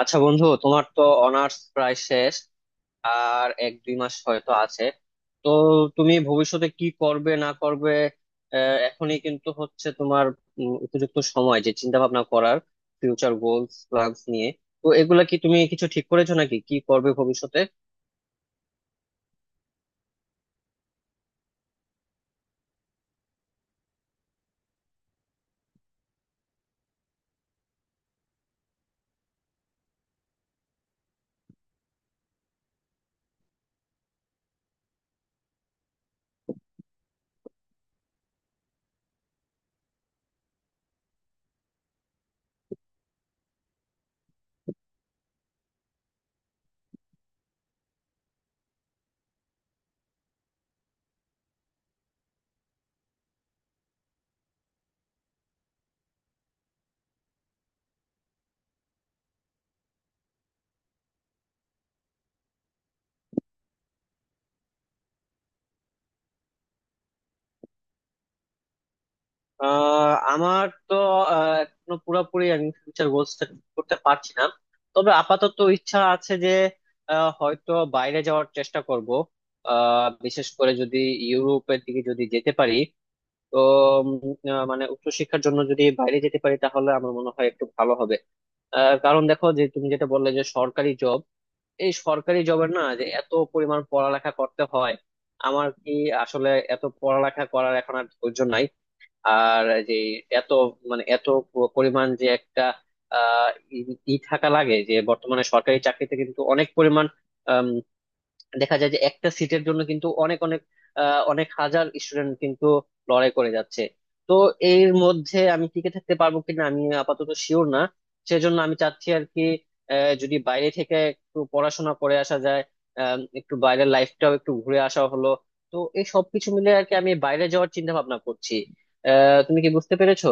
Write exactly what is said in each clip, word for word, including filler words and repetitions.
আচ্ছা বন্ধু, তোমার তো অনার্স প্রায় শেষ। আর এক দুই মাস হয়তো আছে। তো তুমি ভবিষ্যতে কি করবে না করবে। আহ, এখনই কিন্তু হচ্ছে তোমার উম, উপযুক্ত সময় যে চিন্তা ভাবনা করার ফিউচার গোলস প্ল্যানস নিয়ে। তো এগুলা কি তুমি কিছু ঠিক করেছো নাকি কি করবে ভবিষ্যতে? আহ আমার তো আহ, এখনো পুরোপুরি আমি ফিউচার গোলস করতে পারছি না। তবে আপাতত ইচ্ছা আছে যে আহ, হয়তো বাইরে যাওয়ার চেষ্টা করব। আহ, বিশেষ করে যদি ইউরোপের দিকে যদি যেতে পারি। তো উম, আহ, মানে উচ্চশিক্ষার জন্য যদি বাইরে যেতে পারি তাহলে আমার মনে হয় একটু ভালো হবে। আহ, কারণ দেখো যে তুমি যেটা বললে যে সরকারি জব, এই সরকারি জবের না যে এত পরিমাণ পড়ালেখা করতে হয়। আমার কি আসলে এত পড়ালেখা করার এখন আর ধৈর্য নাই। আর যে এত মানে এত প- পরিমাণ যে একটা আহ ই ই থাকা লাগে যে বর্তমানে সরকারি চাকরিতে কিন্তু অনেক পরিমাণ দেখা যায় যে একটা সিটের জন্য কিন্তু অনেক অনেক আহ, অনেক হাজার স্টুডেন্ট কিন্তু লড়াই করে যাচ্ছে। তো এর মধ্যে আমি টিকে থাকতে পারবো কিনা আমি আপাতত শিওর না। সেজন্য আমি চাচ্ছি আর কি আহ, যদি বাইরে থেকে একটু পড়াশোনা করে আসা যায়, আহ, একটু বাইরের লাইফটাও একটু ঘুরে আসা হলো। তো এই সবকিছু মিলে আর কি আমি বাইরে যাওয়ার চিন্তা ভাবনা করছি। আহ তুমি কি বুঝতে পেরেছো?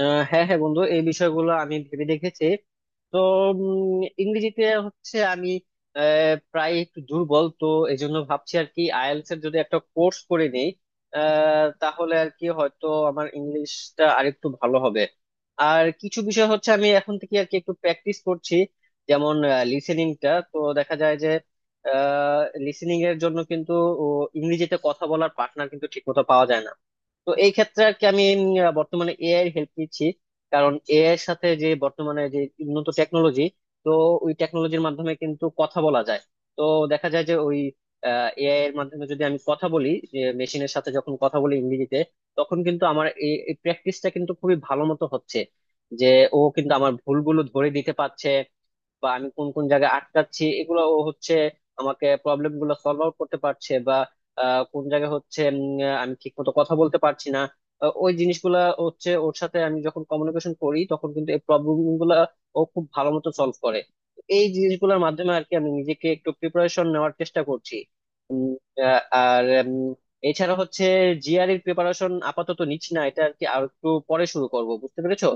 আহ হ্যাঁ, হ্যাঁ বন্ধু, এই বিষয়গুলো আমি ভেবে দেখেছি। তো উম, ইংরেজিতে হচ্ছে আমি আহ, প্রায় একটু দুর্বল। তো এই জন্য ভাবছি আর কি আইএলটিএস এর যদি একটা কোর্স করে নিই আহ, তাহলে আর কি হয়তো আমার ইংলিশটা আরেকটু ভালো হবে। আর কিছু বিষয় হচ্ছে আমি এখন থেকে আর কি একটু প্র্যাকটিস করছি। যেমন লিসেনিংটা তো দেখা যায় যে, লিসেনিং এর জন্য কিন্তু ও, ইংরেজিতে কথা বলার পার্টনার কিন্তু ঠিক মতো পাওয়া যায় না। তো এই ক্ষেত্রে আর কি আমি উম, আহ, বর্তমানে এআই এর হেল্প নিচ্ছি। কারণ এআই এর সাথে যে বর্তমানে যে উন্নত টেকনোলজি, তো ওই টেকনোলজির মাধ্যমে কিন্তু কথা বলা যায়। তো দেখা যায় যে ওই এআই এর মাধ্যমে যদি আমি কথা বলি, যে মেশিনের সাথে যখন কথা বলি ইংরেজিতে, তখন কিন্তু আমার এই প্র্যাকটিসটা কিন্তু খুবই ভালো মতো হচ্ছে। যে ও কিন্তু আমার ভুলগুলো ধরে দিতে পারছে বা আমি কোন কোন জায়গায় আটকাচ্ছি এগুলো ও হচ্ছে আমাকে প্রবলেম গুলো সলভ আউট করতে পারছে। বা আহ, কোন জায়গায় হচ্ছে উম, আহ, আমি ঠিক মতো কথা বলতে পারছি না, আহ, ওই জিনিসগুলা হচ্ছে ওর সাথে আমি যখন কমিউনিকেশন করি তখন কিন্তু এই প্রবলেম গুলা ও খুব ভালো মতো সলভ করে। এই জিনিসগুলোর মাধ্যমে আর কি আমি নিজেকে একটু প্রিপারেশন নেওয়ার চেষ্টা করছি। আহ, আর উম, এছাড়া হচ্ছে জিআরই প্রিপারেশন আপাতত নিচ্ছি না, এটা আর কি আর একটু পরে শুরু করব। বুঝতে পেরেছো?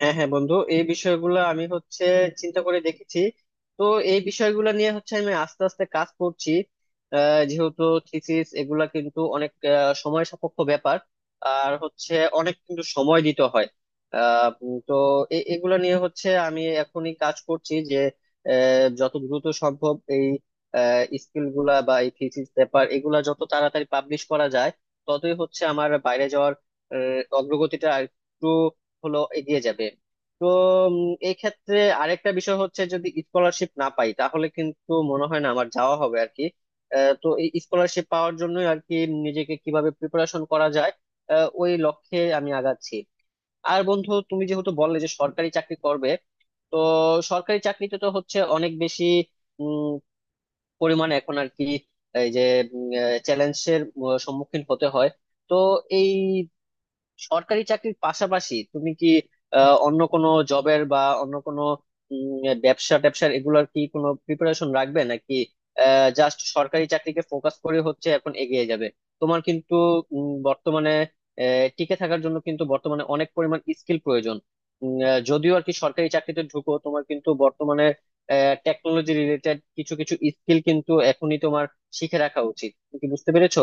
হ্যাঁ, হ্যাঁ বন্ধু, এই বিষয়গুলো আমি হচ্ছে চিন্তা করে দেখেছি। তো এই বিষয়গুলো নিয়ে হচ্ছে আমি আস্তে আস্তে কাজ করছি। আহ, যেহেতু থিসিস এগুলা কিন্তু অনেক আহ, সময় সাপেক্ষ ব্যাপার। আর হচ্ছে অনেক কিন্তু সময় দিতে হয়। আহ, উম, তো এ- এগুলা নিয়ে হচ্ছে আমি এখনই কাজ করছি যে আহ, যত দ্রুত সম্ভব এই স্কিল গুলা বা এই থিসিস পেপার এগুলা যত তাড়াতাড়ি পাবলিশ করা যায় ততই হচ্ছে আমার বাইরে যাওয়ার আহ, অগ্রগতিটা আর একটু হলো এগিয়ে যাবে। তো উম, এই ক্ষেত্রে আরেকটা বিষয় হচ্ছে যদি স্কলারশিপ না পাই তাহলে কিন্তু মনে হয় না আমার যাওয়া হবে আর কি। আহ, তো এই স্কলারশিপ পাওয়ার জন্য আর কি নিজেকে কিভাবে প্রিপারেশন করা যায়, আহ, ওই লক্ষ্যে আমি আগাচ্ছি। আর বন্ধু তুমি যেহেতু বললে যে সরকারি চাকরি করবে, তো সরকারি চাকরিতে তো হচ্ছে অনেক বেশি উম, পরিমাণে এখন আর কি এই যে চ্যালেঞ্জের সম্মুখীন হতে হয়। তো এই সরকারি চাকরির পাশাপাশি তুমি কি আহ, অন্য কোনো জবের বা অন্য কোনো উম, ব্যবসা ট্যাবসার এগুলোর কি কোনো প্রিপারেশন রাখবে, নাকি জাস্ট সরকারি চাকরিকে ফোকাস করে হচ্ছে এখন এগিয়ে যাবে? তোমার কিন্তু উম, বর্তমানে আহ, টিকে থাকার জন্য কিন্তু বর্তমানে অনেক পরিমাণ স্কিল প্রয়োজন। উম, আহ, যদিও আর কি সরকারি চাকরিতে ঢুকো তোমার কিন্তু বর্তমানে টেকনোলজি রিলেটেড কিছু কিছু স্কিল কিন্তু এখনই তোমার শিখে রাখা উচিত। তুমি কি বুঝতে পেরেছো?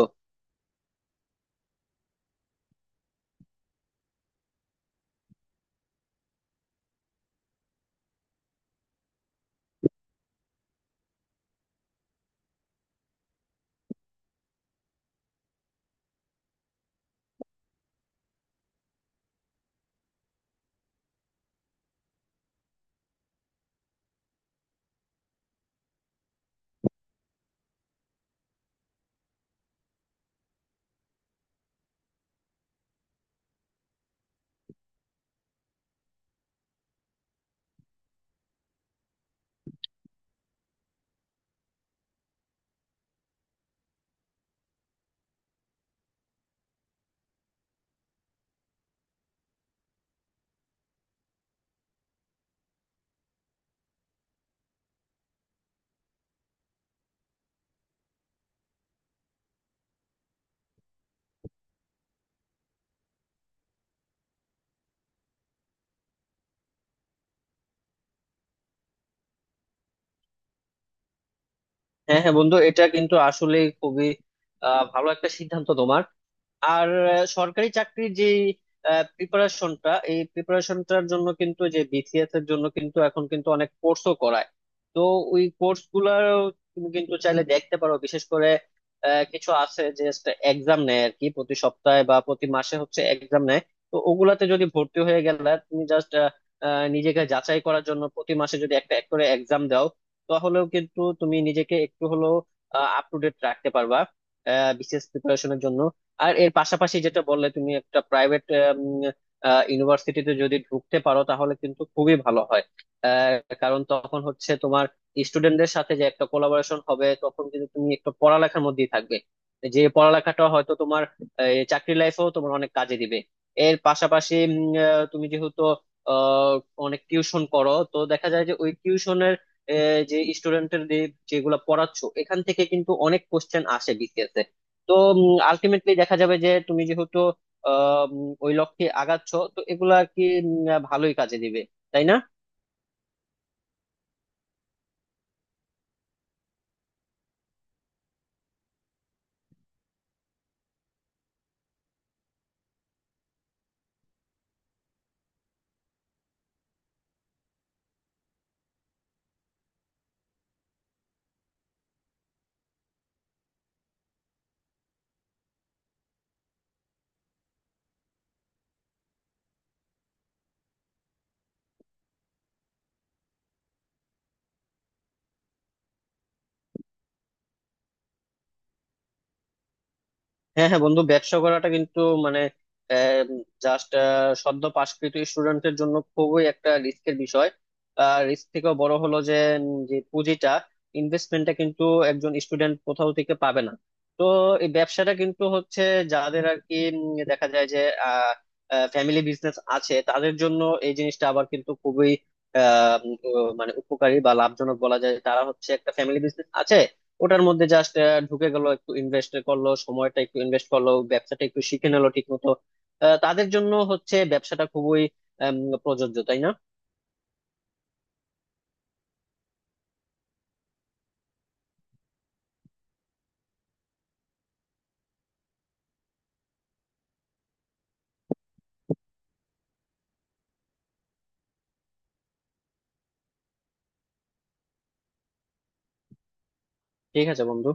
হ্যাঁ, হ্যাঁ বন্ধু, এটা কিন্তু আসলে খুবই আহ, ভালো একটা সিদ্ধান্ত তোমার। আর আহ, সরকারি চাকরির যে প্রিপারেশনটা, এই প্রিপারেশনটার জন্য কিন্তু যে বিসিএস এর জন্য কিন্তু এখন কিন্তু অনেক কোর্সও করায়। তো ওই কোর্স গুলার তুমি কিন্তু চাইলে দেখতে পারো। বিশেষ করে আহ, কিছু আছে যে এক্সাম নেয় আর কি প্রতি সপ্তাহে বা প্রতি মাসে হচ্ছে এক্সাম নেয়। তো ওগুলাতে যদি ভর্তি হয়ে গেলে তুমি জাস্ট নিজেকে যাচাই করার জন্য প্রতি মাসে যদি একটা এক করে এক্সাম দাও, তাহলেও কিন্তু তুমি নিজেকে একটু হলেও আপ টু ডেট রাখতে পারবা বিসিএস প্রিপারেশনের জন্য। আর এর পাশাপাশি যেটা বললে তুমি একটা প্রাইভেট ইউনিভার্সিটিতে যদি ঢুকতে পারো তাহলে কিন্তু খুবই ভালো হয়। কা- কারণ তখন হচ্ছে তোমার স্টুডেন্টদের সাথে যে একটা কোলাবোরেশন হবে তখন কিন্তু তুমি একটু পড়ালেখার মধ্যেই থাকবে, যে পড়ালেখাটা হয়তো তোমার এই, চাকরি লাইফেও তোমার অনেক কাজে দিবে। এর পাশাপাশি উম, আহ, তুমি যেহেতু আহ, অনেক টিউশন করো, তো দেখা যায় যে ওই টিউশনের যে স্টুডেন্টের যেগুলো পড়াচ্ছো এখান থেকে কিন্তু অনেক কোশ্চেন আসে বিসিএস এ। তো আলটিমেটলি দেখা যাবে যে তুমি যেহেতু আহ, উম, ওই লক্ষ্যে আগাচ্ছ, তো এগুলা আর কি উম, ভালোই কাজে দিবে, তাই না? হ্যাঁ, হ্যাঁ বন্ধু, ব্যবসা করাটা কিন্তু মানে জাস্ট সদ্য পাশকৃত স্টুডেন্টের জন্য খুবই একটা রিস্কের বিষয়। আর রিস্ক থেকেও বড় হলো যে উম, যে পুঁজিটা ইনভেস্টমেন্টটা কিন্তু একজন স্টুডেন্ট কোথাও থেকে পাবে না। তো এই ব্যবসাটা কিন্তু হচ্ছে যাদের আর কি উম, দেখা যায় যে ফ্যামিলি বিজনেস আছে তাদের জন্য এই জিনিসটা আবার কিন্তু খুবই আহ, উম, মানে উপকারী বা লাভজনক বলা যায়। তারা হচ্ছে একটা ফ্যামিলি বিজনেস আছে, ওটার মধ্যে জাস্ট ঢুকে গেল, একটু ইনভেস্ট করলো, সময়টা একটু ইনভেস্ট করলো, ব্যবসাটা একটু শিখে নিলো ঠিক মতো। তাদের জন্য হচ্ছে ব্যবসাটা খুবই আম, প্রযোজ্য, তাই না? ঠিক আছে বন্ধু।